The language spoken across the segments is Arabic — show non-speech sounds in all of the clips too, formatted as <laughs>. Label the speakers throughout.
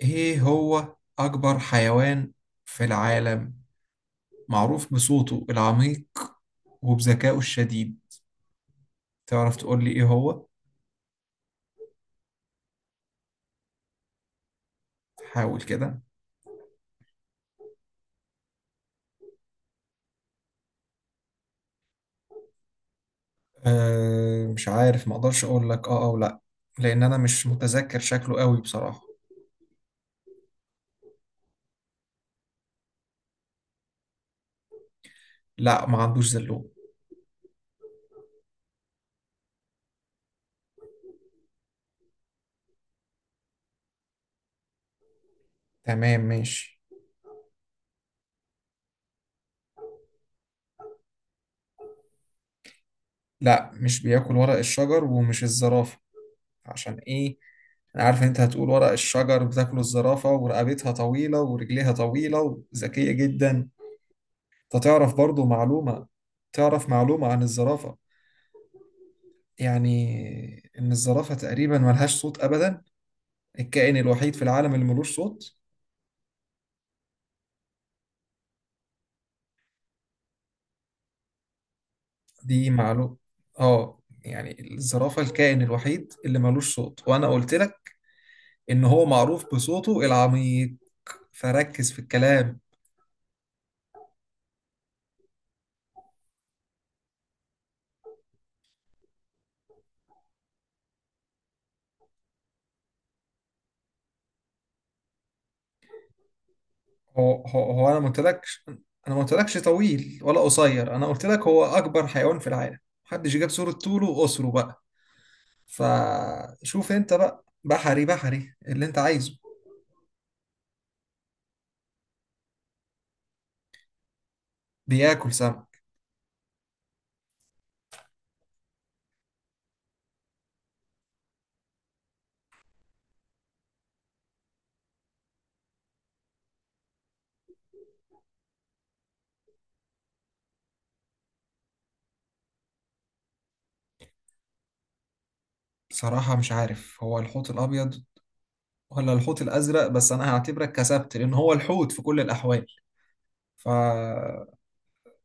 Speaker 1: ايه هو اكبر حيوان في العالم، معروف بصوته العميق وبذكائه الشديد. تعرف تقول لي ايه هو؟ حاول كده. أه، مش عارف، ما اقدرش اقول لك اه او لا، لان انا مش متذكر شكله قوي بصراحة. لا، ما عندوش زلوم. تمام ماشي. لا، مش بياكل ورق الشجر، ومش الزرافة. عشان ايه؟ انا عارف إن انت هتقول ورق الشجر بتاكله الزرافة، ورقبتها طويلة ورجليها طويلة وذكية جدا. انت تعرف برضو معلومة؟ تعرف معلومة عن الزرافة؟ يعني إن الزرافة تقريبا ملهاش صوت أبدا، الكائن الوحيد في العالم اللي ملوش صوت. دي معلومة. آه، يعني الزرافة الكائن الوحيد اللي ملوش صوت، وأنا قلت لك إن هو معروف بصوته العميق، فركز في الكلام. هو أنا ما قلتلكش، أنا ما قلتلكش طويل ولا قصير، أنا قلت لك هو أكبر حيوان في العالم. محدش جاب صورة طوله وقصره بقى، فشوف انت بقى بحري. بحري اللي انت عايزه؟ بياكل سمك. بصراحة مش عارف هو الحوت الأبيض ولا الحوت الأزرق، بس أنا هعتبرك كسبت، لأن هو الحوت في كل الأحوال. ف...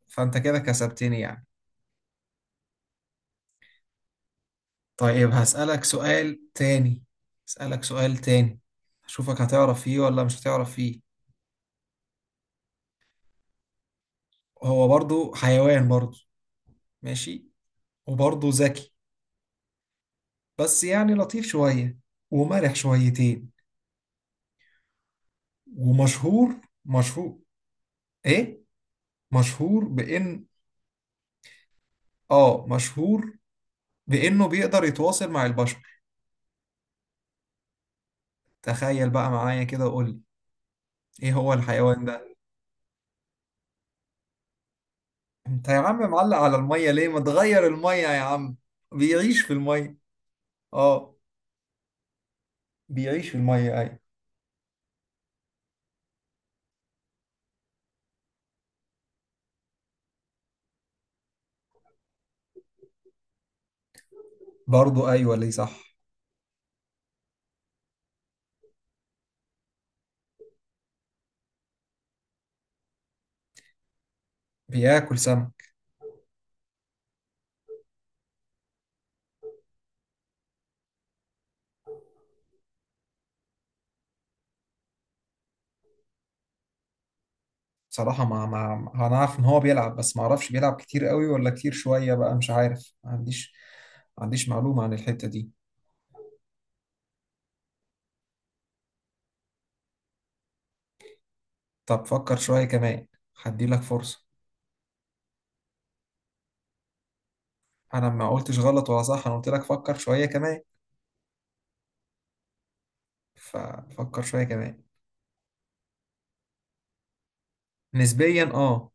Speaker 1: فأنت كده كسبتني يعني. طيب هسألك سؤال تاني. هسألك سؤال تاني، أشوفك هتعرف فيه ولا مش هتعرف فيه. هو برضو حيوان برضو، ماشي، وبرضو ذكي، بس يعني لطيف شوية ومرح شويتين، ومشهور. مشهور. إيه؟ مشهور بإن... آه، مشهور بإنه بيقدر يتواصل مع البشر. تخيل بقى معايا كده وقول لي إيه هو الحيوان ده. أنت يا عم معلق على المية ليه؟ ما تغير المية يا عم. بيعيش في المية. آه، بيعيش في المية أيوة. برضه أيوة، ليه صح. بياكل سمك. بصراحة ما أنا عارف إن هو بيلعب، بس ما أعرفش بيلعب كتير قوي ولا كتير شوية بقى، مش عارف، ما عنديش، ما عنديش معلومة عن الحتة دي. طب فكر شوية كمان، هديلك فرصة. انا ما قلتش غلط ولا صح، انا قلت لك فكر شويه كمان، ففكر شويه كمان. نسبيا اه.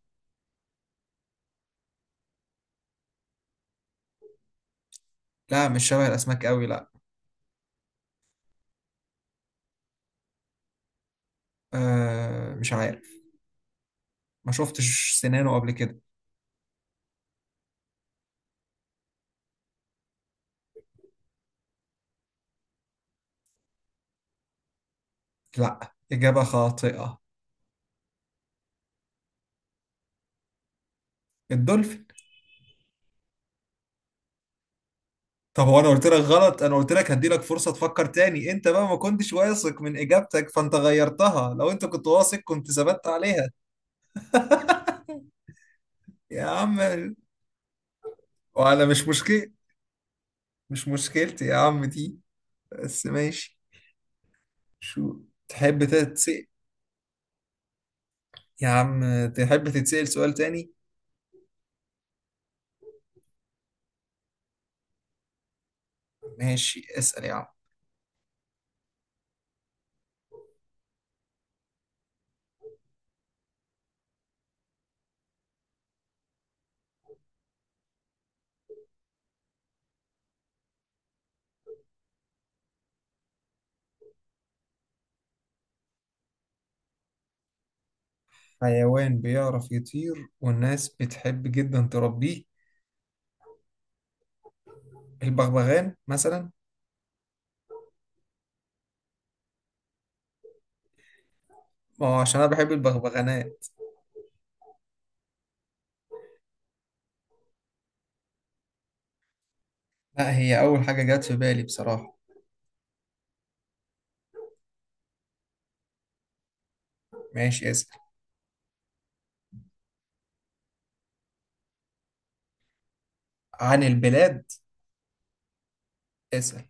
Speaker 1: لا، مش شبه الاسماك قوي، لا. آه مش عارف، ما شفتش سنانه قبل كده. لا، اجابه خاطئه. الدولفين. طب هو انا قلت لك غلط؟ انا قلت لك هدي لك فرصه تفكر تاني، انت بقى ما كنتش واثق من اجابتك فانت غيرتها، لو انت كنت واثق كنت ثبت عليها. <laughs> يا عم. وانا مش مشكلة، مش مشكلتي يا عم دي، بس ماشي. شو تحب تتسأل يا عم؟ تحب تتسأل سؤال تاني؟ ماشي، اسأل يا عم. حيوان بيعرف يطير والناس بتحب جدا تربيه؟ البغبغان مثلا. ما هو عشان انا بحب البغبغانات. لا، هي اول حاجة جت في بالي بصراحة. ماشي اسأل. عن البلاد. اسأل.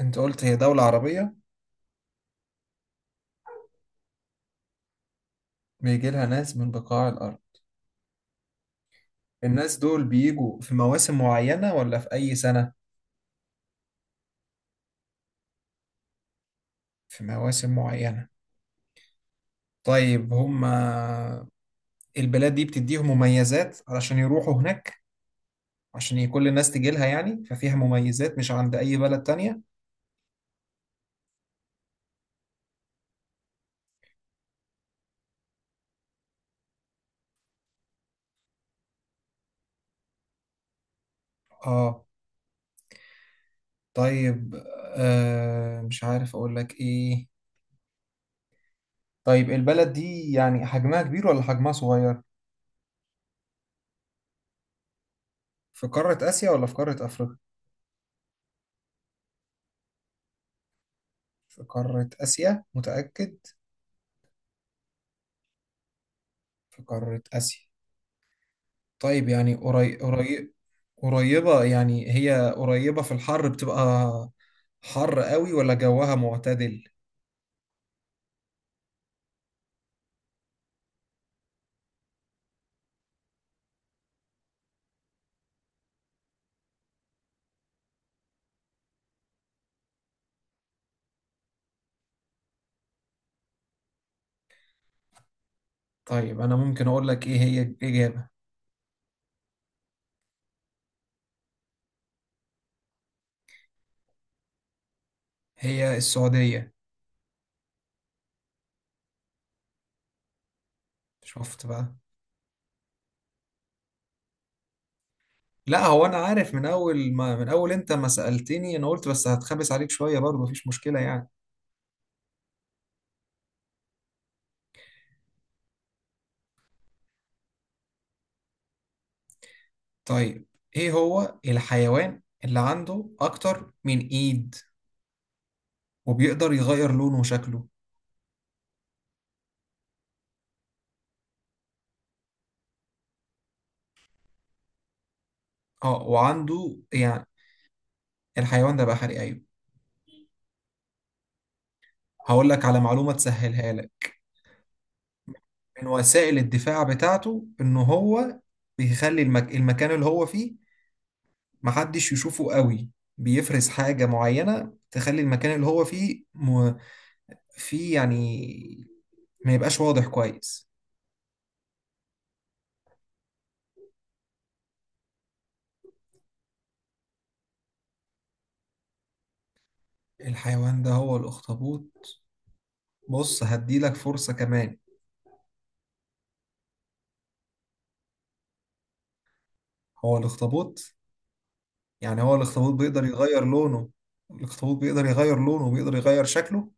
Speaker 1: انت قلت هي دولة عربية، بيجي لها ناس من بقاع الارض. الناس دول بيجوا في مواسم معينة ولا في أي سنة؟ في مواسم معينة. طيب هما البلاد دي بتديهم مميزات علشان يروحوا هناك؟ عشان كل الناس تجي لها يعني، ففيها مميزات مش عند أي بلد تانية. اه. طيب آه، مش عارف أقول لك إيه. طيب البلد دي يعني حجمها كبير ولا حجمها صغير؟ في قارة آسيا ولا في قارة أفريقيا؟ في قارة آسيا متأكد؟ في قارة آسيا. طيب يعني قريب قريب. قريبة يعني، هي قريبة، في الحر بتبقى حر قوي ولا جوها معتدل؟ طيب أنا ممكن أقول لك إيه هي الإجابة؟ هي السعودية. شفت بقى. لا هو أنا عارف من أول ما، من أول أنت ما سألتني أنا قلت، بس هتخبس عليك شوية برضه مفيش مشكلة يعني. طيب إيه هو الحيوان اللي عنده أكتر من إيد وبيقدر يغير لونه وشكله؟ أه وعنده يعني. الحيوان ده بحري أيوه. هقول لك على معلومة تسهلها لك. من وسائل الدفاع بتاعته ان هو بيخلي المكان اللي هو فيه محدش يشوفه قوي، بيفرز حاجة معينة تخلي المكان اللي هو فيه فيه يعني ما يبقاش واضح كويس. الحيوان ده هو الأخطبوط. بص هديلك فرصة كمان. هو الأخطبوط. يعني هو الأخطبوط بيقدر يغير لونه، الأخطبوط بيقدر يغير لونه وبيقدر يغير شكله.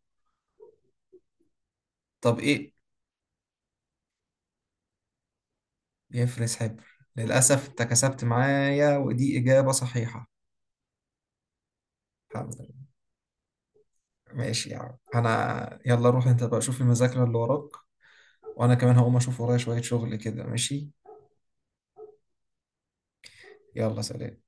Speaker 1: طب ايه؟ يفرس حبر. للأسف أنت كسبت معايا، ودي إجابة صحيحة. الحمد لله. ماشي يا عم، أنا يلا روح أنت بقى شوف المذاكرة اللي وراك، وأنا كمان هقوم أشوف ورايا شوية شغل كده. ماشي. يلا سلام.